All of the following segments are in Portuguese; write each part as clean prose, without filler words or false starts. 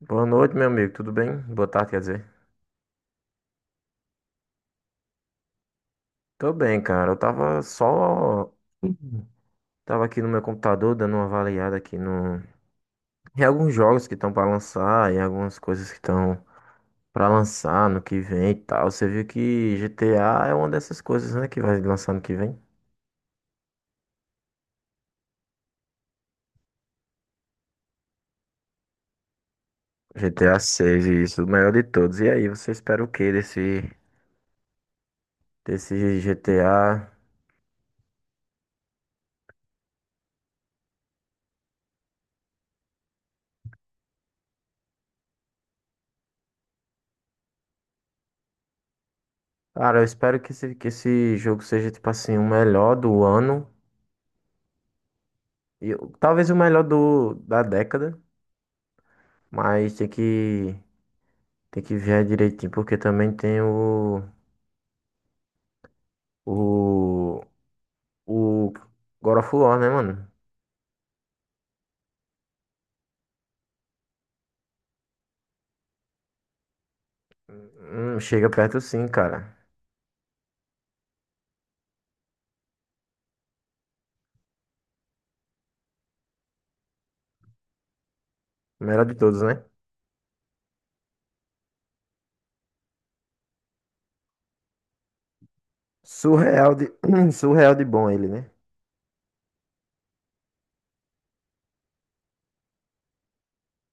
Boa noite, meu amigo. Tudo bem? Boa tarde, quer dizer. Tô bem, cara. Eu tava só. Tava aqui no meu computador dando uma avaliada aqui no. Em alguns jogos que estão pra lançar, em algumas coisas que estão pra lançar no que vem e tal. Você viu que GTA é uma dessas coisas, né? Que vai lançar no que vem. GTA 6, isso, o melhor de todos. E aí, você espera o que desse GTA? Cara, eu espero que esse jogo seja, tipo assim, o melhor do ano. E, talvez o melhor da década. Mas tem que ver direitinho, porque também tem o, o God of War, né, mano? Chega perto sim, cara. O melhor de todos, né? Surreal de, Surreal de bom ele, né?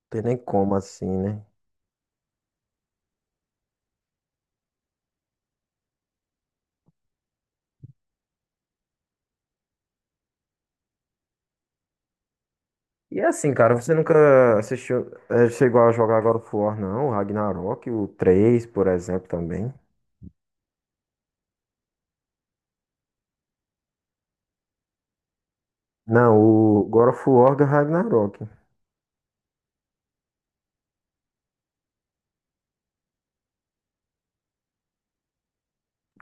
Tem nem como assim, né? E é assim, cara, você nunca assistiu, chegou a jogar God of War, não? O Ragnarok, o 3, por exemplo, também. Não, o God of War do Ragnarok.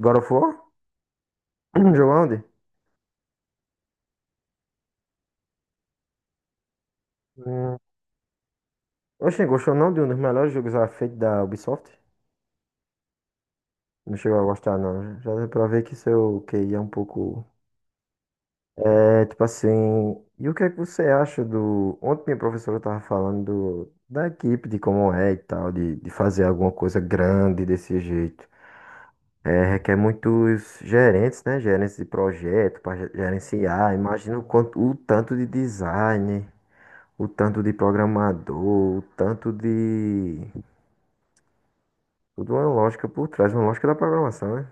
God of War? Jogou onde? Oxe, gostou não de um dos melhores jogos já feitos da Ubisoft? Não chegou a gostar, não. Já deu pra ver que seu QI é um pouco. É, tipo assim. E o que é que você acha do. Ontem minha professora tava falando do, da equipe, de como é e tal, de fazer alguma coisa grande desse jeito. É, requer muitos gerentes, né? Gerentes de projeto para gerenciar. Imagina o quanto, o tanto de design, o tanto de programador, o tanto de. Tudo uma lógica por trás, uma lógica da programação, né?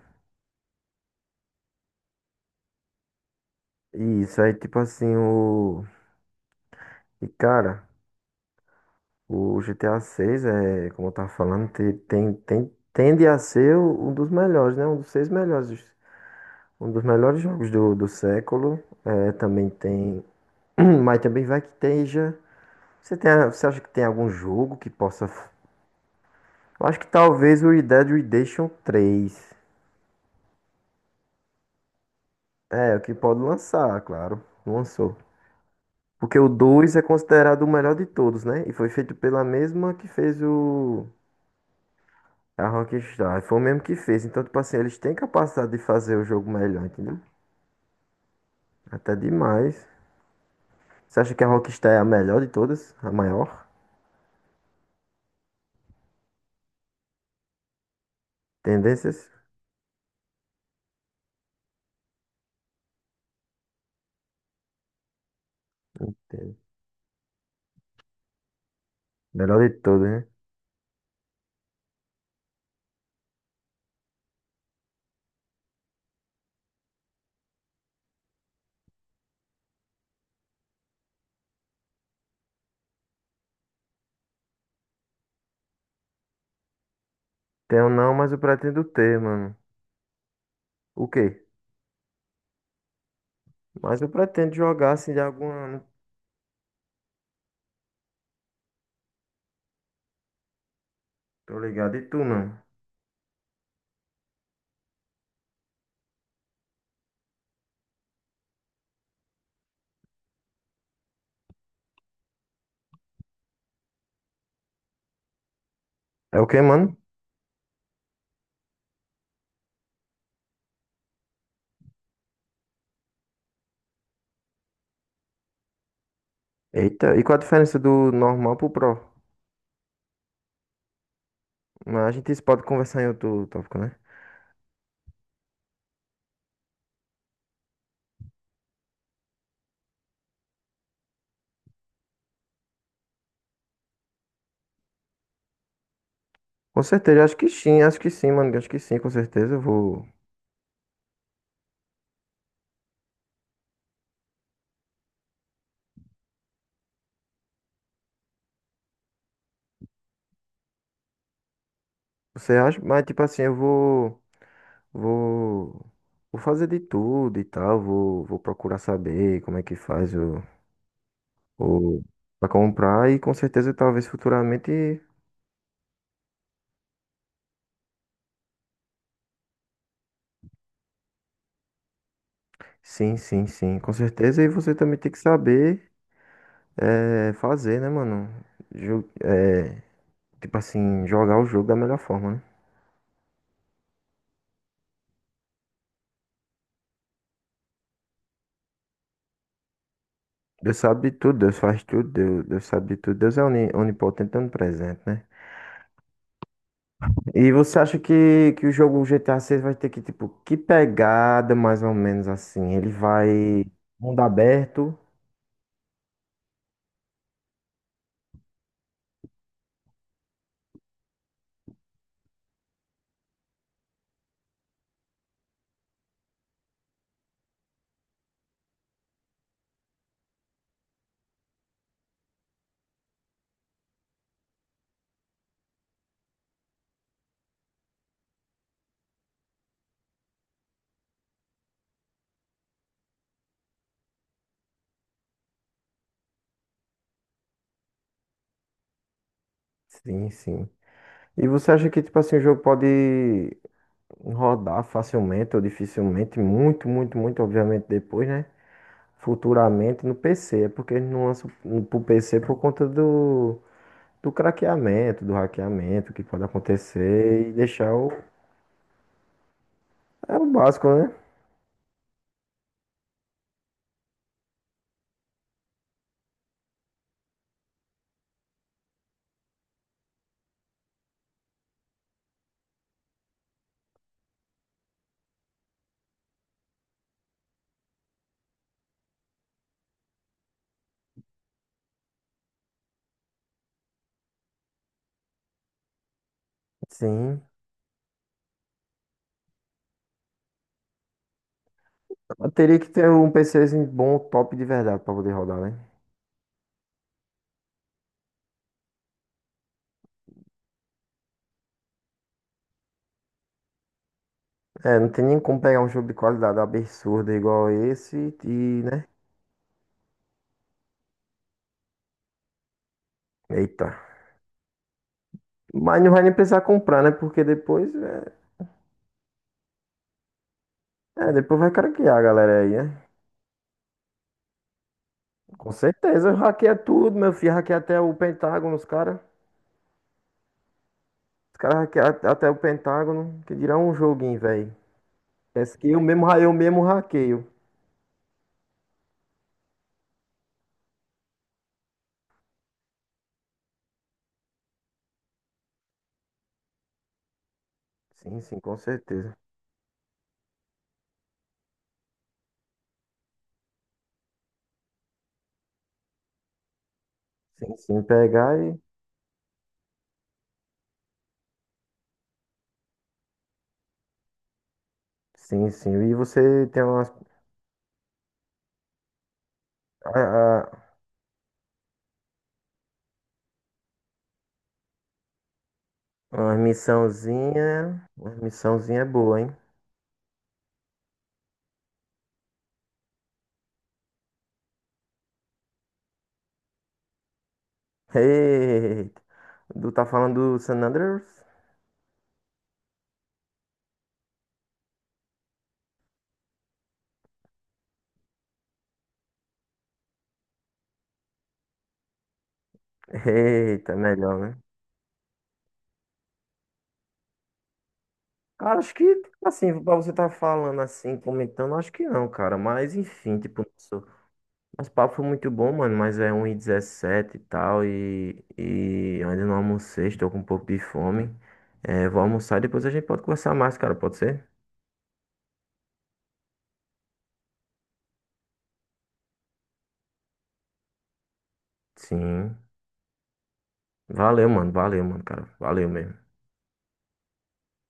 E isso aí, tipo assim, o. E cara, o GTA 6 é, como eu tava falando, tende a ser um dos melhores, né? Um dos seis melhores. Um dos melhores jogos do século. É, também tem. Mas também vai que esteja. Você acha que tem algum jogo que possa. Eu acho que talvez o Red Dead Redemption três. É, o que pode lançar, claro. Não lançou. Porque o dois é considerado o melhor de todos, né? E foi feito pela mesma que fez o. A Rockstar. Foi o mesmo que fez. Então, tipo assim, eles têm capacidade de fazer o jogo melhor, entendeu? Até demais. Você acha que a Rockstar é a melhor de todas? A maior? Tendências? Tem. Melhor de todas, né? Tenho não, mas eu pretendo ter, mano. O quê? Mas eu pretendo jogar assim de algum. Tô ligado. E tu, mano? É o quê, mano? Eita, e qual a diferença do normal pro Pro? Mas a gente pode conversar em outro tópico, né? Com certeza, mano. Acho que sim, com certeza. Eu vou. Você acha? Mas, tipo assim, eu vou. Vou, Vou fazer de tudo e tal. Vou procurar saber como é que faz o para comprar e com certeza talvez futuramente. Sim, com certeza. E você também tem que saber fazer, né, mano? Ju- eh, tipo assim, jogar o jogo da melhor forma, né? Deus sabe de tudo, Deus faz tudo, Deus sabe de tudo. Deus é onipotente, onipresente, né? E você acha que o jogo GTA 6 vai ter que, tipo, que pegada mais ou menos assim? Ele vai mundo aberto? Sim, sim. E você acha que, tipo assim, o jogo pode rodar facilmente ou dificilmente? Muito, muito, muito, obviamente, depois, né? Futuramente no PC. É porque eles não lançam pro PC por conta do craqueamento, do hackeamento que pode acontecer e deixar o. É o básico, né? Sim. Mas teria que ter um PCzinho bom, top de verdade pra poder rodar, né? É, não tem nem como pegar um jogo de qualidade absurda igual esse e, né? Eita. Mas não vai nem precisar comprar, né? Porque depois vai craquear a galera aí, né? Com certeza, hackeia tudo, meu filho. Hackeia até o Pentágono, os caras. Os caras hackeiam até o Pentágono. Que dirá um joguinho, velho. Parece que eu mesmo hackeio. Sim, sim, com certeza. Sim, sim, pegar e. Sim, sim. E você tem umas, a. Uma missãozinha. Uma missãozinha é boa, hein? Eita. Tu tá falando do San Andreas? Eita, melhor, né? Cara, acho que, assim, pra você tá falando assim, comentando, acho que não, cara. Mas, enfim, tipo, nosso papo foi muito bom, mano. Mas é 1h17 e tal. E eu ainda não almocei, estou com um pouco de fome. É, vou almoçar e depois a gente pode conversar mais, cara. Pode ser? Sim. Valeu, mano. Cara. Valeu mesmo.